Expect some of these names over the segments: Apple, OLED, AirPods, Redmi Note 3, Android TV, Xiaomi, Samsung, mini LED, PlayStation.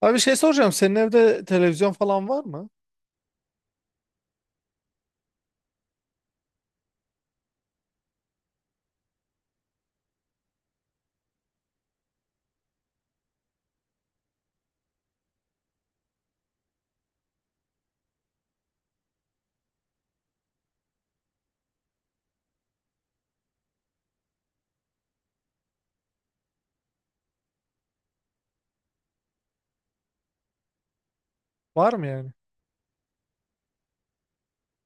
Abi bir şey soracağım. Senin evde televizyon falan var mı? Var mı yani?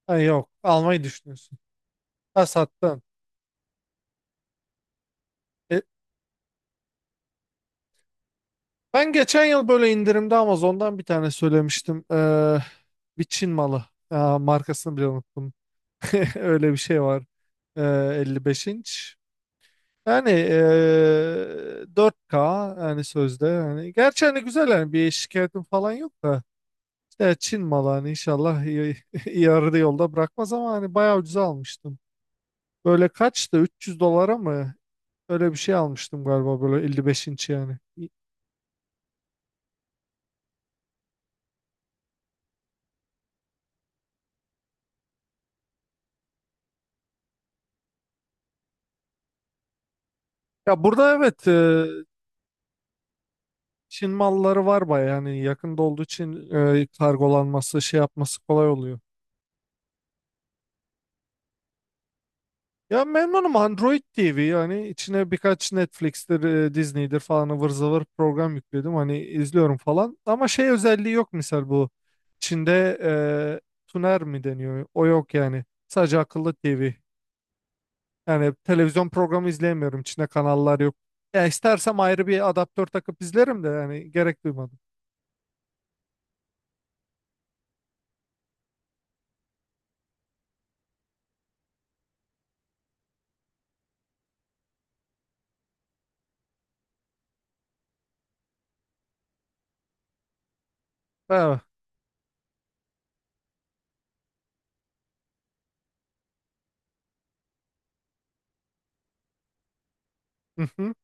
Ha, yok. Almayı düşünüyorsun. Ha sattın. E, Ben geçen yıl böyle indirimde Amazon'dan bir tane söylemiştim. Bir Çin malı. Markasını bile unuttum. Öyle bir şey var. Ee, 55 inç. Yani 4K yani sözde. Yani, gerçi hani güzel yani bir şikayetim falan yok da. İşte Çin malı hani inşallah iyi, iyi arada yolda bırakmaz ama hani bayağı ucuza almıştım. Böyle kaçtı? 300 dolara mı? Öyle bir şey almıştım galiba böyle 55 inç yani. Ya burada evet, Çin malları var baya yani yakında olduğu için kargolanması şey yapması kolay oluyor. Ya memnunum, Android TV yani, içine birkaç Netflix'tir, Disney'dir falan ıvır zıvır program yükledim hani izliyorum falan. Ama şey özelliği yok misal, bu Çin'de tuner mi deniyor o yok yani, sadece akıllı TV. Yani televizyon programı izleyemiyorum. İçinde kanallar yok. Ya istersem ayrı bir adaptör takıp izlerim de yani gerek duymadım. Evet. Hı hı.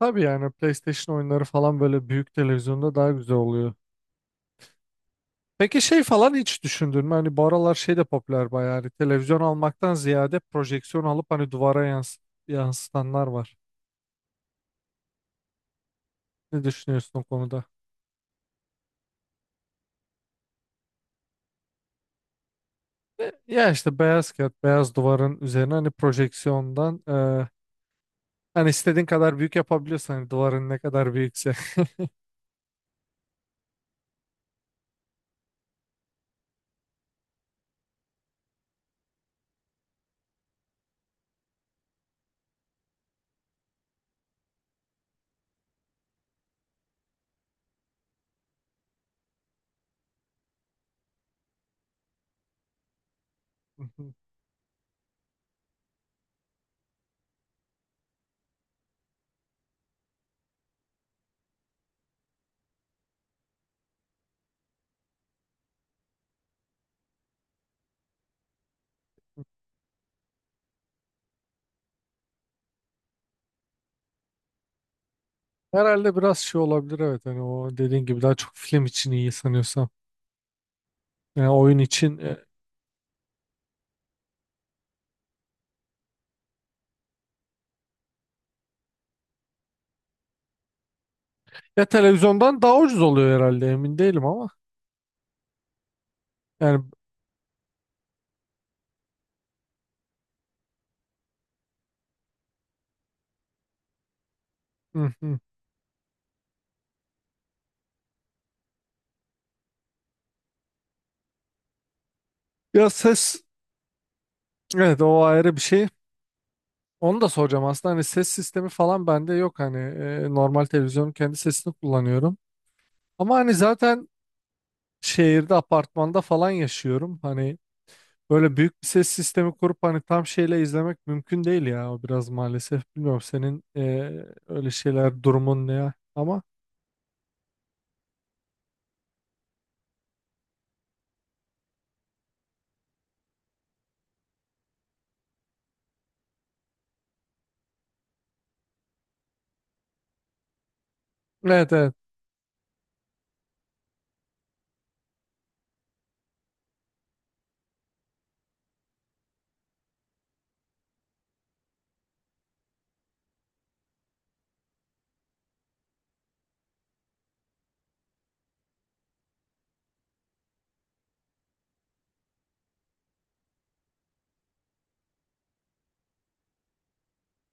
Tabii yani PlayStation oyunları falan böyle büyük televizyonda daha güzel oluyor. Peki şey falan hiç düşündün mü? Hani bu aralar şey de popüler bayağı. Hani televizyon almaktan ziyade projeksiyon alıp hani duvara yansıtanlar var. Ne düşünüyorsun o konuda? Ya işte beyaz kağıt, beyaz duvarın üzerine hani projeksiyondan hani istediğin kadar büyük yapabiliyorsan, hani duvarın ne kadar büyükse. Herhalde biraz şey olabilir, evet, hani o dediğin gibi daha çok film için iyi sanıyorsam. Yani oyun için ya televizyondan daha ucuz oluyor herhalde, emin değilim ama. Yani hı hı. Ya ses, evet, o ayrı bir şey. Onu da soracağım aslında, hani ses sistemi falan bende yok, hani normal televizyonun kendi sesini kullanıyorum. Ama hani zaten şehirde, apartmanda falan yaşıyorum. Hani böyle büyük bir ses sistemi kurup hani tam şeyle izlemek mümkün değil ya. O biraz maalesef. Bilmiyorum senin öyle şeyler, durumun ne ya. Ama evet, evet.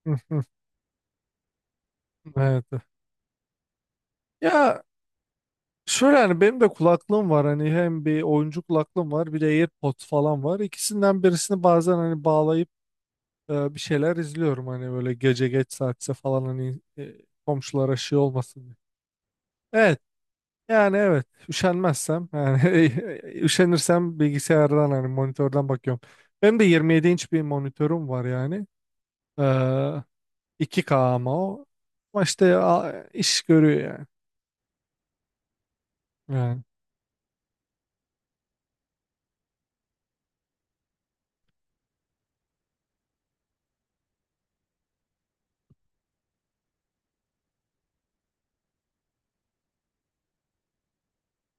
Hı, hı. Evet, evet. Ya şöyle, hani benim de kulaklığım var. Hani hem bir oyuncu kulaklığım var, bir de AirPods falan var. İkisinden birisini bazen hani bağlayıp bir şeyler izliyorum. Hani böyle gece geç saatse falan hani komşulara şey olmasın diye. Evet. Yani evet, üşenmezsem yani üşenirsem bilgisayardan, hani monitörden bakıyorum. Benim de 27 inç bir monitörüm var yani. Ee, 2K ama o. Ama işte iş görüyor yani. Yani.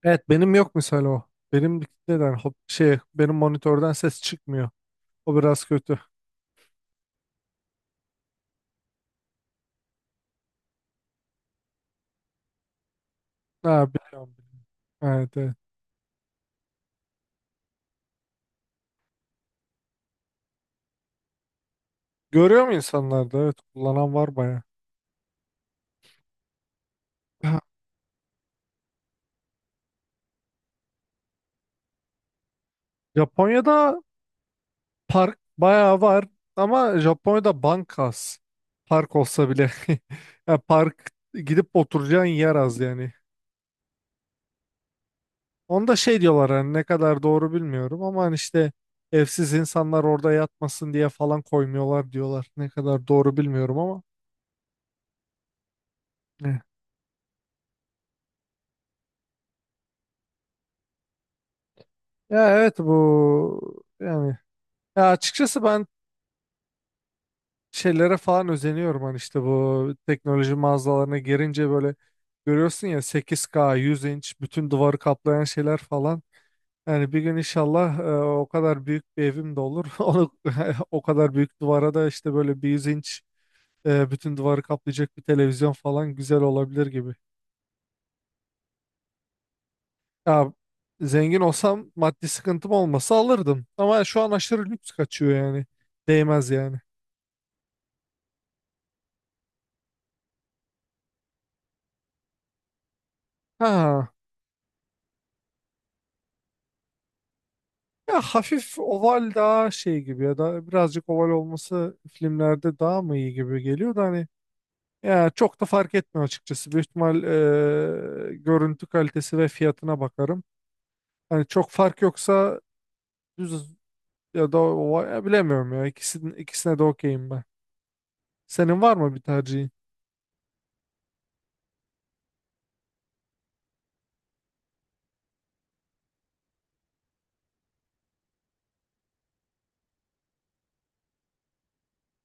Evet, benim yok mesela o. Benim neden hop, şey, benim monitörden ses çıkmıyor. O biraz kötü. Ha, biliyorum, biliyorum. Evet, evet. Görüyor mu insanlar da? Evet, kullanan var baya. Ha. Japonya'da, park bayağı var ama Japonya'da bank az. Park olsa bile. Ya park gidip oturacağın yer az yani. Onda şey diyorlar, hani ne kadar doğru bilmiyorum ama, hani işte evsiz insanlar orada yatmasın diye falan koymuyorlar diyorlar. Ne kadar doğru bilmiyorum ama. Ne? Ya evet, bu yani, ya açıkçası ben şeylere falan özeniyorum, hani işte bu teknoloji mağazalarına girince böyle görüyorsun ya, 8K 100 inç bütün duvarı kaplayan şeyler falan. Yani bir gün inşallah o kadar büyük bir evim de olur. Onu o kadar büyük duvara da işte böyle bir yüz inç bütün duvarı kaplayacak bir televizyon falan güzel olabilir gibi. Ya zengin olsam, maddi sıkıntım olmasa alırdım. Ama şu an aşırı lüks kaçıyor yani. Değmez yani. Ha. Ya hafif oval daha şey gibi ya da birazcık oval olması filmlerde daha mı iyi gibi geliyor da hani, ya çok da fark etmiyor açıkçası. Büyük ihtimal görüntü kalitesi ve fiyatına bakarım. Yani çok fark yoksa düz, ya da ya bilemiyorum ya. İkisinin, ikisine de okeyim ben. Senin var mı bir tercihin?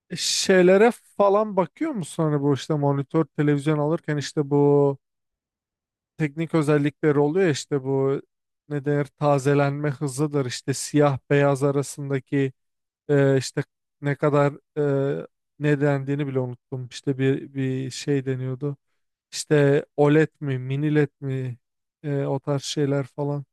Şeylere falan bakıyor musun? Hani bu işte monitör, televizyon alırken işte bu teknik özellikleri oluyor ya, işte bu ne denir, tazelenme hızıdır, işte siyah beyaz arasındaki işte ne kadar, e, ne dendiğini bile unuttum. İşte bir şey deniyordu. İşte OLED mi, mini LED mi, o tarz şeyler falan.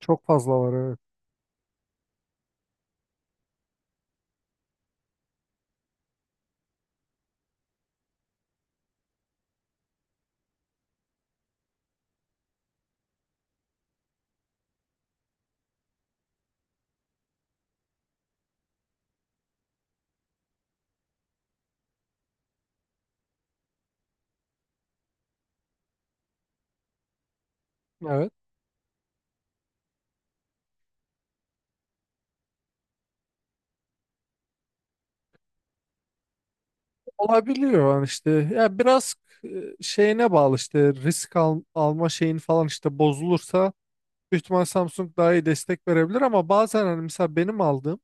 Çok fazla var, evet. Evet. Olabiliyor yani işte. Ya biraz e, şeyine bağlı, işte risk alma şeyin falan, işte bozulursa büyük ihtimal Samsung daha iyi destek verebilir ama bazen hani mesela benim aldığım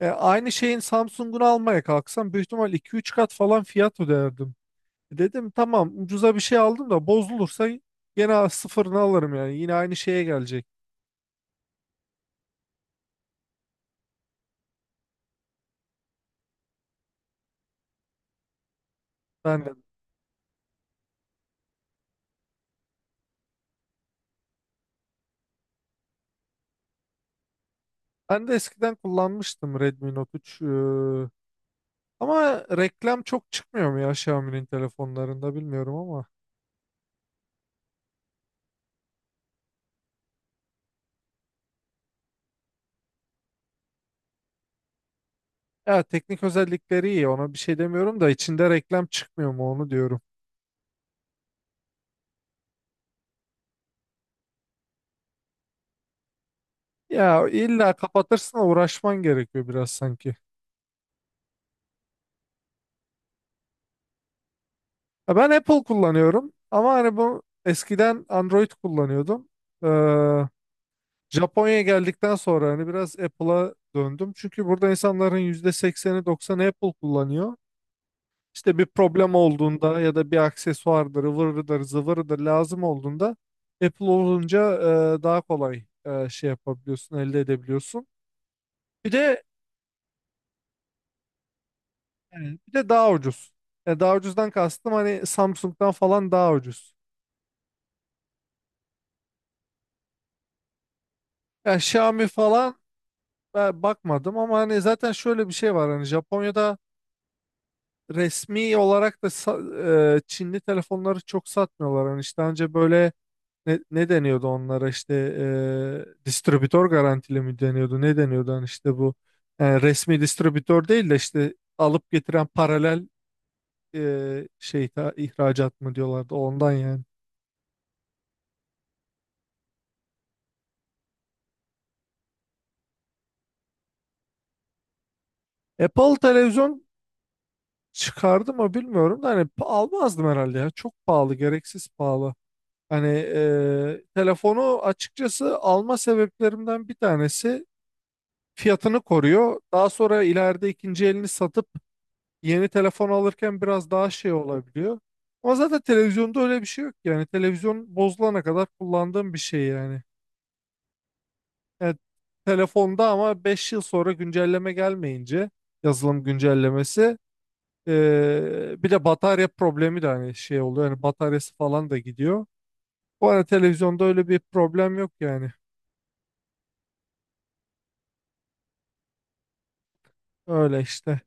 aynı şeyin Samsung'unu almaya kalksam büyük ihtimal iki üç kat falan fiyat öderdim. Dedim tamam, ucuza bir şey aldım da bozulursa yine sıfırını alırım yani, yine aynı şeye gelecek. Ben de, ben de eskiden kullanmıştım, Redmi Note 3. Ama reklam çok çıkmıyor mu ya Xiaomi'nin telefonlarında, bilmiyorum ama. Ya teknik özellikleri iyi, ona bir şey demiyorum da içinde reklam çıkmıyor mu onu diyorum. Ya illa kapatırsın, uğraşman gerekiyor biraz sanki. Ya ben Apple kullanıyorum ama hani bu eskiden Android kullanıyordum. Ee, Japonya'ya geldikten sonra hani biraz Apple'a döndüm. Çünkü burada insanların %80'i 90'ı Apple kullanıyor. İşte bir problem olduğunda ya da bir aksesuardır, ıvırıdır, zıvırıdır lazım olduğunda Apple olunca daha kolay şey yapabiliyorsun, elde edebiliyorsun. Bir de yani, bir de daha ucuz. Yani daha ucuzdan kastım hani Samsung'dan falan daha ucuz. Yani Xiaomi falan ben bakmadım ama hani zaten şöyle bir şey var, hani Japonya'da resmi olarak da Çinli telefonları çok satmıyorlar. Hani işte önce böyle ne deniyordu onlara, işte distribütör garantili mi deniyordu, ne deniyordu, hani işte bu resmi distribütör değil de işte alıp getiren paralel şey ihracat mı diyorlardı, ondan yani. Apple televizyon çıkardı mı bilmiyorum da hani almazdım herhalde, ya çok pahalı, gereksiz pahalı. Hani telefonu açıkçası alma sebeplerimden bir tanesi fiyatını koruyor. Daha sonra ileride ikinci elini satıp yeni telefon alırken biraz daha şey olabiliyor. Ama zaten televizyonda öyle bir şey yok yani. Televizyon bozulana kadar kullandığım bir şey yani. Evet, telefonda ama 5 yıl sonra güncelleme gelmeyince, yazılım güncellemesi, bir de batarya problemi de hani şey oluyor. Yani bataryası falan da gidiyor. Bu arada televizyonda öyle bir problem yok yani. Öyle işte.